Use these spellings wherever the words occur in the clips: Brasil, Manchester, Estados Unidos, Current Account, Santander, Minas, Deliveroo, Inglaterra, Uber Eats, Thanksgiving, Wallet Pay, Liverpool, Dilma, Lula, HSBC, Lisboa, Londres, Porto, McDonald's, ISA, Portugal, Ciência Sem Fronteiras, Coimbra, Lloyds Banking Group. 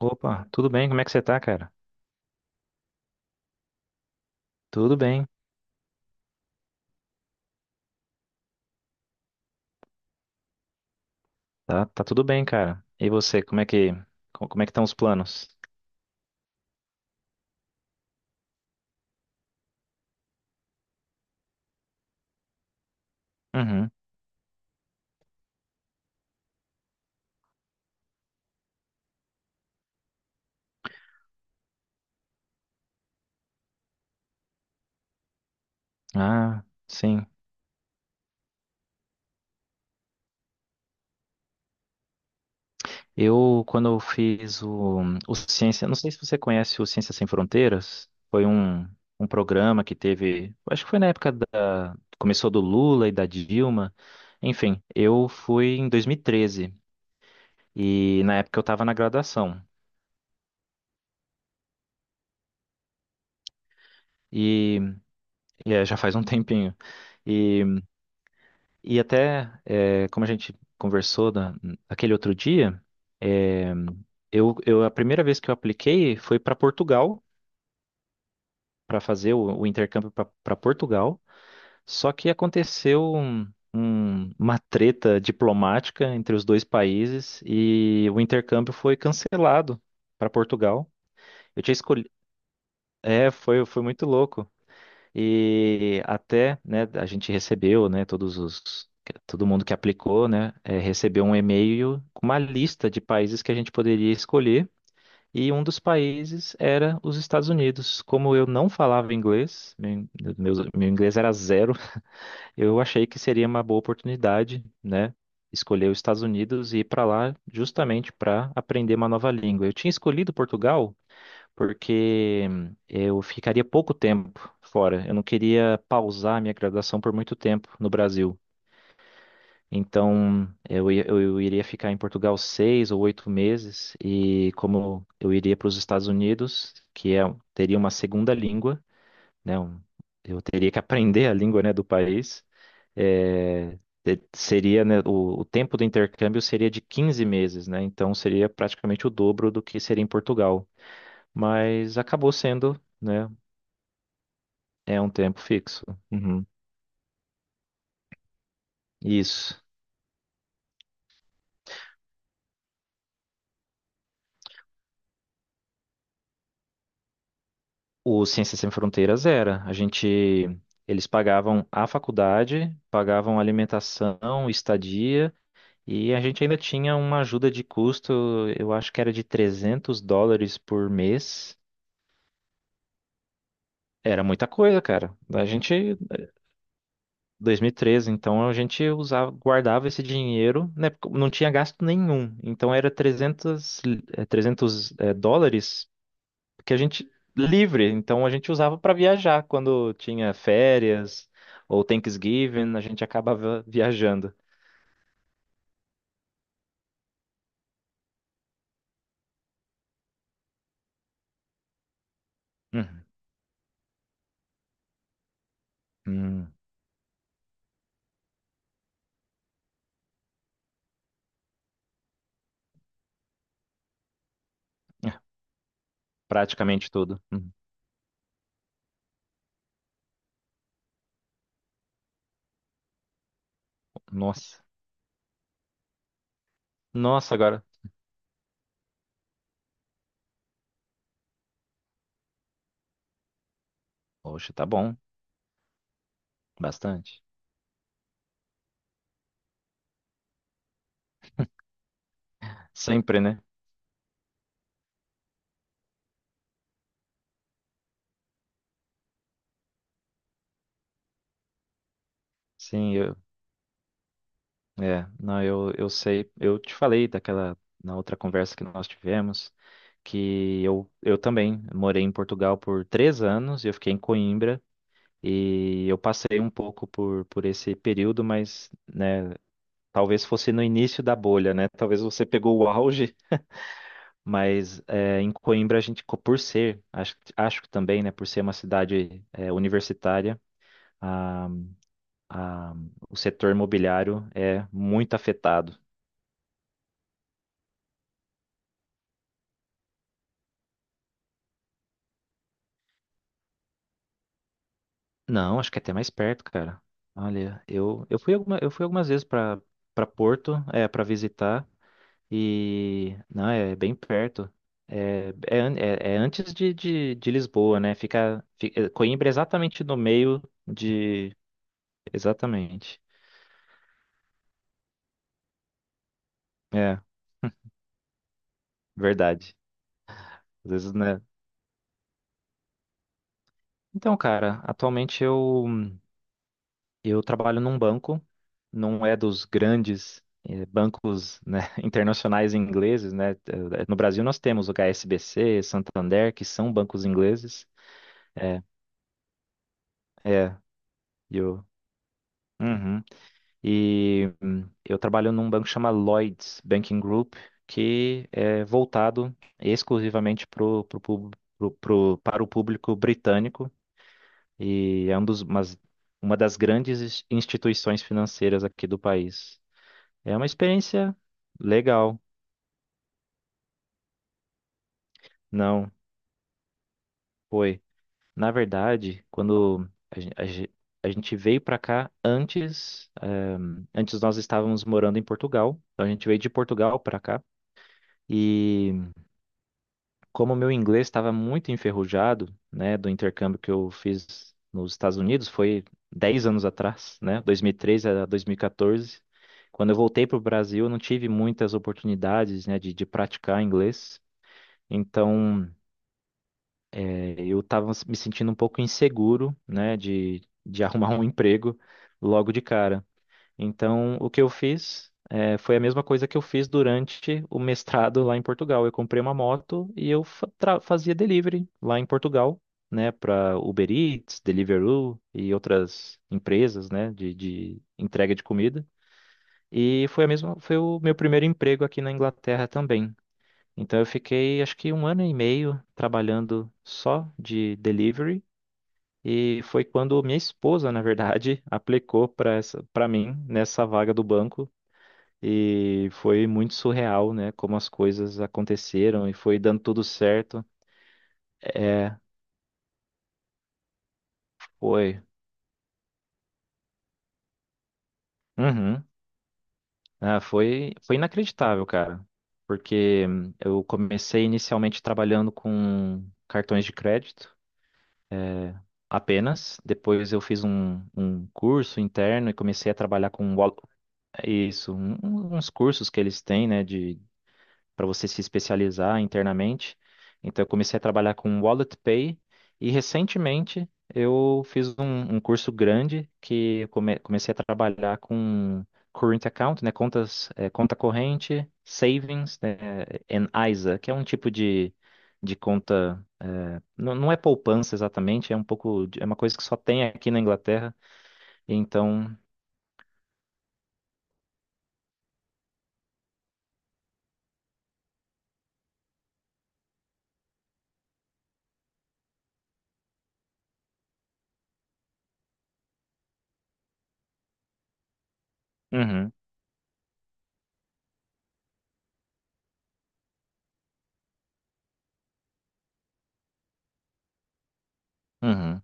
Opa, tudo bem? Como é que você tá, cara? Tudo bem. Tá tudo bem, cara. E você, como é que estão os planos? Uhum. Ah, sim. Quando eu fiz o Ciência, não sei se você conhece o Ciência Sem Fronteiras, foi um programa que teve, acho que foi na época começou do Lula e da Dilma. Enfim, eu fui em 2013 e na época eu estava na graduação. e, já faz um tempinho. E até, como a gente conversou da aquele outro dia, eh, a primeira vez que eu apliquei foi para Portugal, para fazer o intercâmbio para Portugal. Só que aconteceu uma treta diplomática entre os dois países e o intercâmbio foi cancelado para Portugal. Eu tinha escolhido. É, foi muito louco. E até, né, a gente recebeu, né, todo mundo que aplicou, né, recebeu um e-mail com uma lista de países que a gente poderia escolher. E um dos países era os Estados Unidos. Como eu não falava inglês, meu inglês era zero, eu achei que seria uma boa oportunidade, né, escolher os Estados Unidos e ir para lá justamente para aprender uma nova língua. Eu tinha escolhido Portugal porque eu ficaria pouco tempo fora. Eu não queria pausar minha graduação por muito tempo no Brasil. Então, eu iria ficar em Portugal 6 ou 8 meses, e como eu iria para os Estados Unidos, que é, teria uma segunda língua, né? Eu teria que aprender a língua, né, do país. é, Seria, né, o tempo do intercâmbio seria de 15 meses, né? Então seria praticamente o dobro do que seria em Portugal. Mas acabou sendo, né? É um tempo fixo. Uhum. Isso. O Ciências Sem Fronteiras era. Eles pagavam a faculdade, pagavam alimentação, estadia, e a gente ainda tinha uma ajuda de custo. Eu acho que era de US$ 300 por mês. Era muita coisa, cara. 2013, então a gente guardava esse dinheiro, né? Porque não tinha gasto nenhum. Então era 300 dólares que a gente livre. Então a gente usava para viajar quando tinha férias ou Thanksgiving, a gente acabava viajando. Uhum, uhum, é, praticamente tudo. Uhum. Nossa, nossa agora. Poxa, tá bom, bastante. Sempre, né? Sim, não, eu sei, eu te falei daquela na outra conversa que nós tivemos. Que eu também morei em Portugal por 3 anos e eu fiquei em Coimbra. E eu passei um pouco por esse período, mas né, talvez fosse no início da bolha, né? Talvez você pegou o auge, mas em Coimbra por ser, acho que também, né, por ser uma cidade universitária, a, a, o setor imobiliário é muito afetado. Não, acho que é até mais perto, cara. Olha, eu fui algumas vezes para Porto, para visitar. E não, é bem perto. É antes de Lisboa, né? Coimbra é exatamente no meio de. Exatamente. É, verdade. Às vezes, né? Então, cara, atualmente eu trabalho num banco, não é dos grandes bancos, né, internacionais ingleses, né? No Brasil nós temos o H S B C Santander, que são bancos ingleses. É, é. E eu. Uhum. E eu trabalho num banco que chama Lloyds Banking Group, que é voltado exclusivamente pro, pro, pub- pro, pro- para o público britânico e é uma das grandes instituições financeiras aqui do país. É uma experiência legal, não foi. Na verdade, quando a gente veio para cá antes, antes nós estávamos morando em Portugal, então a gente veio de Portugal para cá. E como meu inglês estava muito enferrujado, né, do intercâmbio que eu fiz nos Estados Unidos, foi 10 anos atrás, né, 2013 a 2014. Quando eu voltei para o Brasil, eu não tive muitas oportunidades, né, de praticar inglês. Então, eu estava me sentindo um pouco inseguro, né, de arrumar um emprego logo de cara. Então, o que eu fiz foi a mesma coisa que eu fiz durante o mestrado lá em Portugal. Eu comprei uma moto e eu fazia delivery lá em Portugal, né, para Uber Eats, Deliveroo e outras empresas, né, de entrega de comida. E foi foi o meu primeiro emprego aqui na Inglaterra também. Então, eu fiquei acho que 1 ano e meio trabalhando só de delivery. E foi quando minha esposa, na verdade, aplicou para mim nessa vaga do banco e foi muito surreal, né? Como as coisas aconteceram e foi dando tudo certo. É, foi. Uhum. Ah, foi inacreditável, cara. Porque eu comecei inicialmente trabalhando com cartões de crédito, é, apenas. Depois eu fiz um curso interno e comecei a trabalhar com isso, uns cursos que eles têm, né? de Para você se especializar internamente. Então, eu comecei a trabalhar com Wallet Pay e recentemente eu fiz um curso grande que eu comecei a trabalhar com Current Account, né, contas, conta corrente, Savings, né, and ISA, que é um tipo de conta. Não, não é poupança exatamente, é um pouco, é uma coisa que só tem aqui na Inglaterra. Então, uhum, uhum,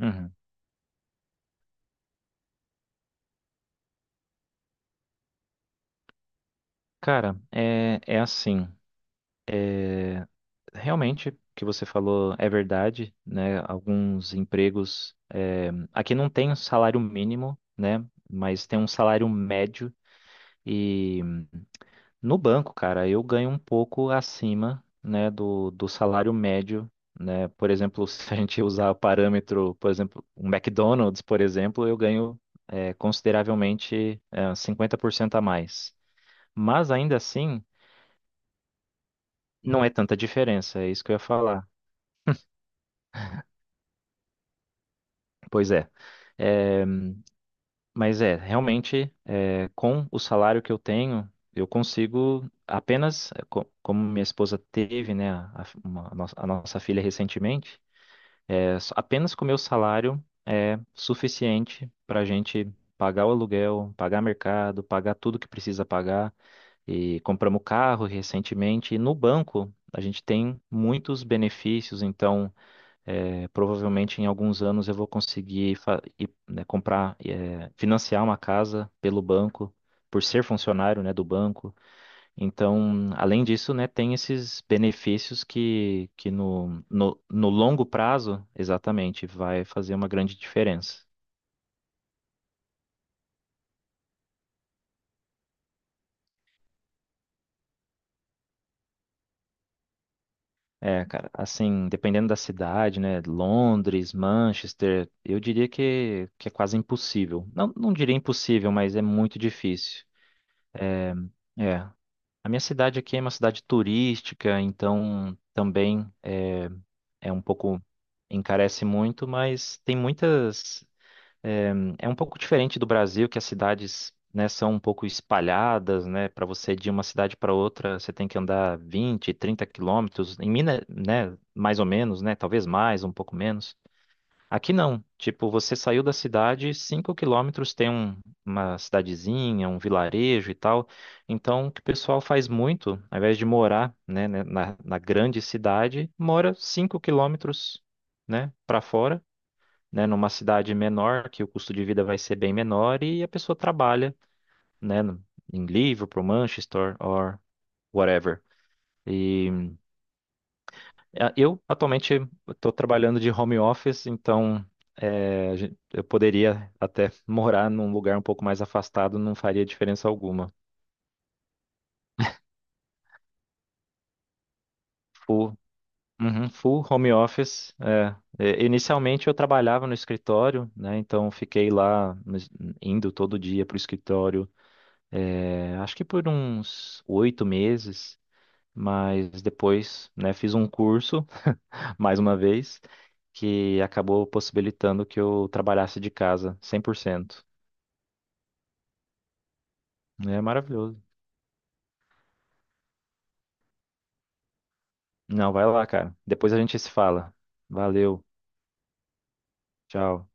uhum. Cara, é assim. é, Realmente, o que você falou é verdade, né? Alguns empregos. Aqui não tem um salário mínimo, né? Mas tem um salário médio. E no banco, cara, eu ganho um pouco acima, né, do salário médio, né? Por exemplo, se a gente usar o parâmetro, por exemplo, um McDonald's, por exemplo, eu ganho consideravelmente 50% a mais. Mas ainda assim, não é tanta diferença, é isso que eu ia falar. Pois é. É, mas realmente, com o salário que eu tenho, eu consigo apenas, como minha esposa teve, né, a nossa filha recentemente, apenas com o meu salário é suficiente para a gente pagar o aluguel, pagar mercado, pagar tudo que precisa pagar. E compramos carro recentemente. E no banco, a gente tem muitos benefícios, então. É, provavelmente em alguns anos eu vou conseguir ir, né, comprar, financiar uma casa pelo banco, por ser funcionário, né, do banco. Então, além disso, né, tem esses benefícios que no longo prazo, exatamente, vai fazer uma grande diferença. É, cara, assim, dependendo da cidade, né, Londres, Manchester, eu diria que é quase impossível. Não, não diria impossível, mas é muito difícil. É. A minha cidade aqui é uma cidade turística, então também é um pouco, encarece muito, mas tem muitas. É, é um pouco diferente do Brasil, que as cidades, né, são um pouco espalhadas, né? Para você ir de uma cidade para outra, você tem que andar 20, 30 quilômetros. Em Minas, né, mais ou menos, né? Talvez mais, um pouco menos. Aqui não. Tipo, você saiu da cidade, 5 km tem uma cidadezinha, um vilarejo e tal. Então, o que o pessoal faz muito, ao invés de morar, né, na grande cidade, mora 5 km, né, para fora, né, numa cidade menor, que o custo de vida vai ser bem menor e a pessoa trabalha, né, em Liverpool, Manchester or whatever. Eu atualmente estou trabalhando de home office, então eu poderia até morar num lugar um pouco mais afastado, não faria diferença alguma. Full, uhum, full home office. É. É, inicialmente eu trabalhava no escritório, né? Então fiquei lá no indo todo dia para o escritório, acho que por uns 8 meses, mas depois, né, fiz um curso, mais uma vez, que acabou possibilitando que eu trabalhasse de casa 100%. É maravilhoso. Não, vai lá, cara. Depois a gente se fala. Valeu. Tchau.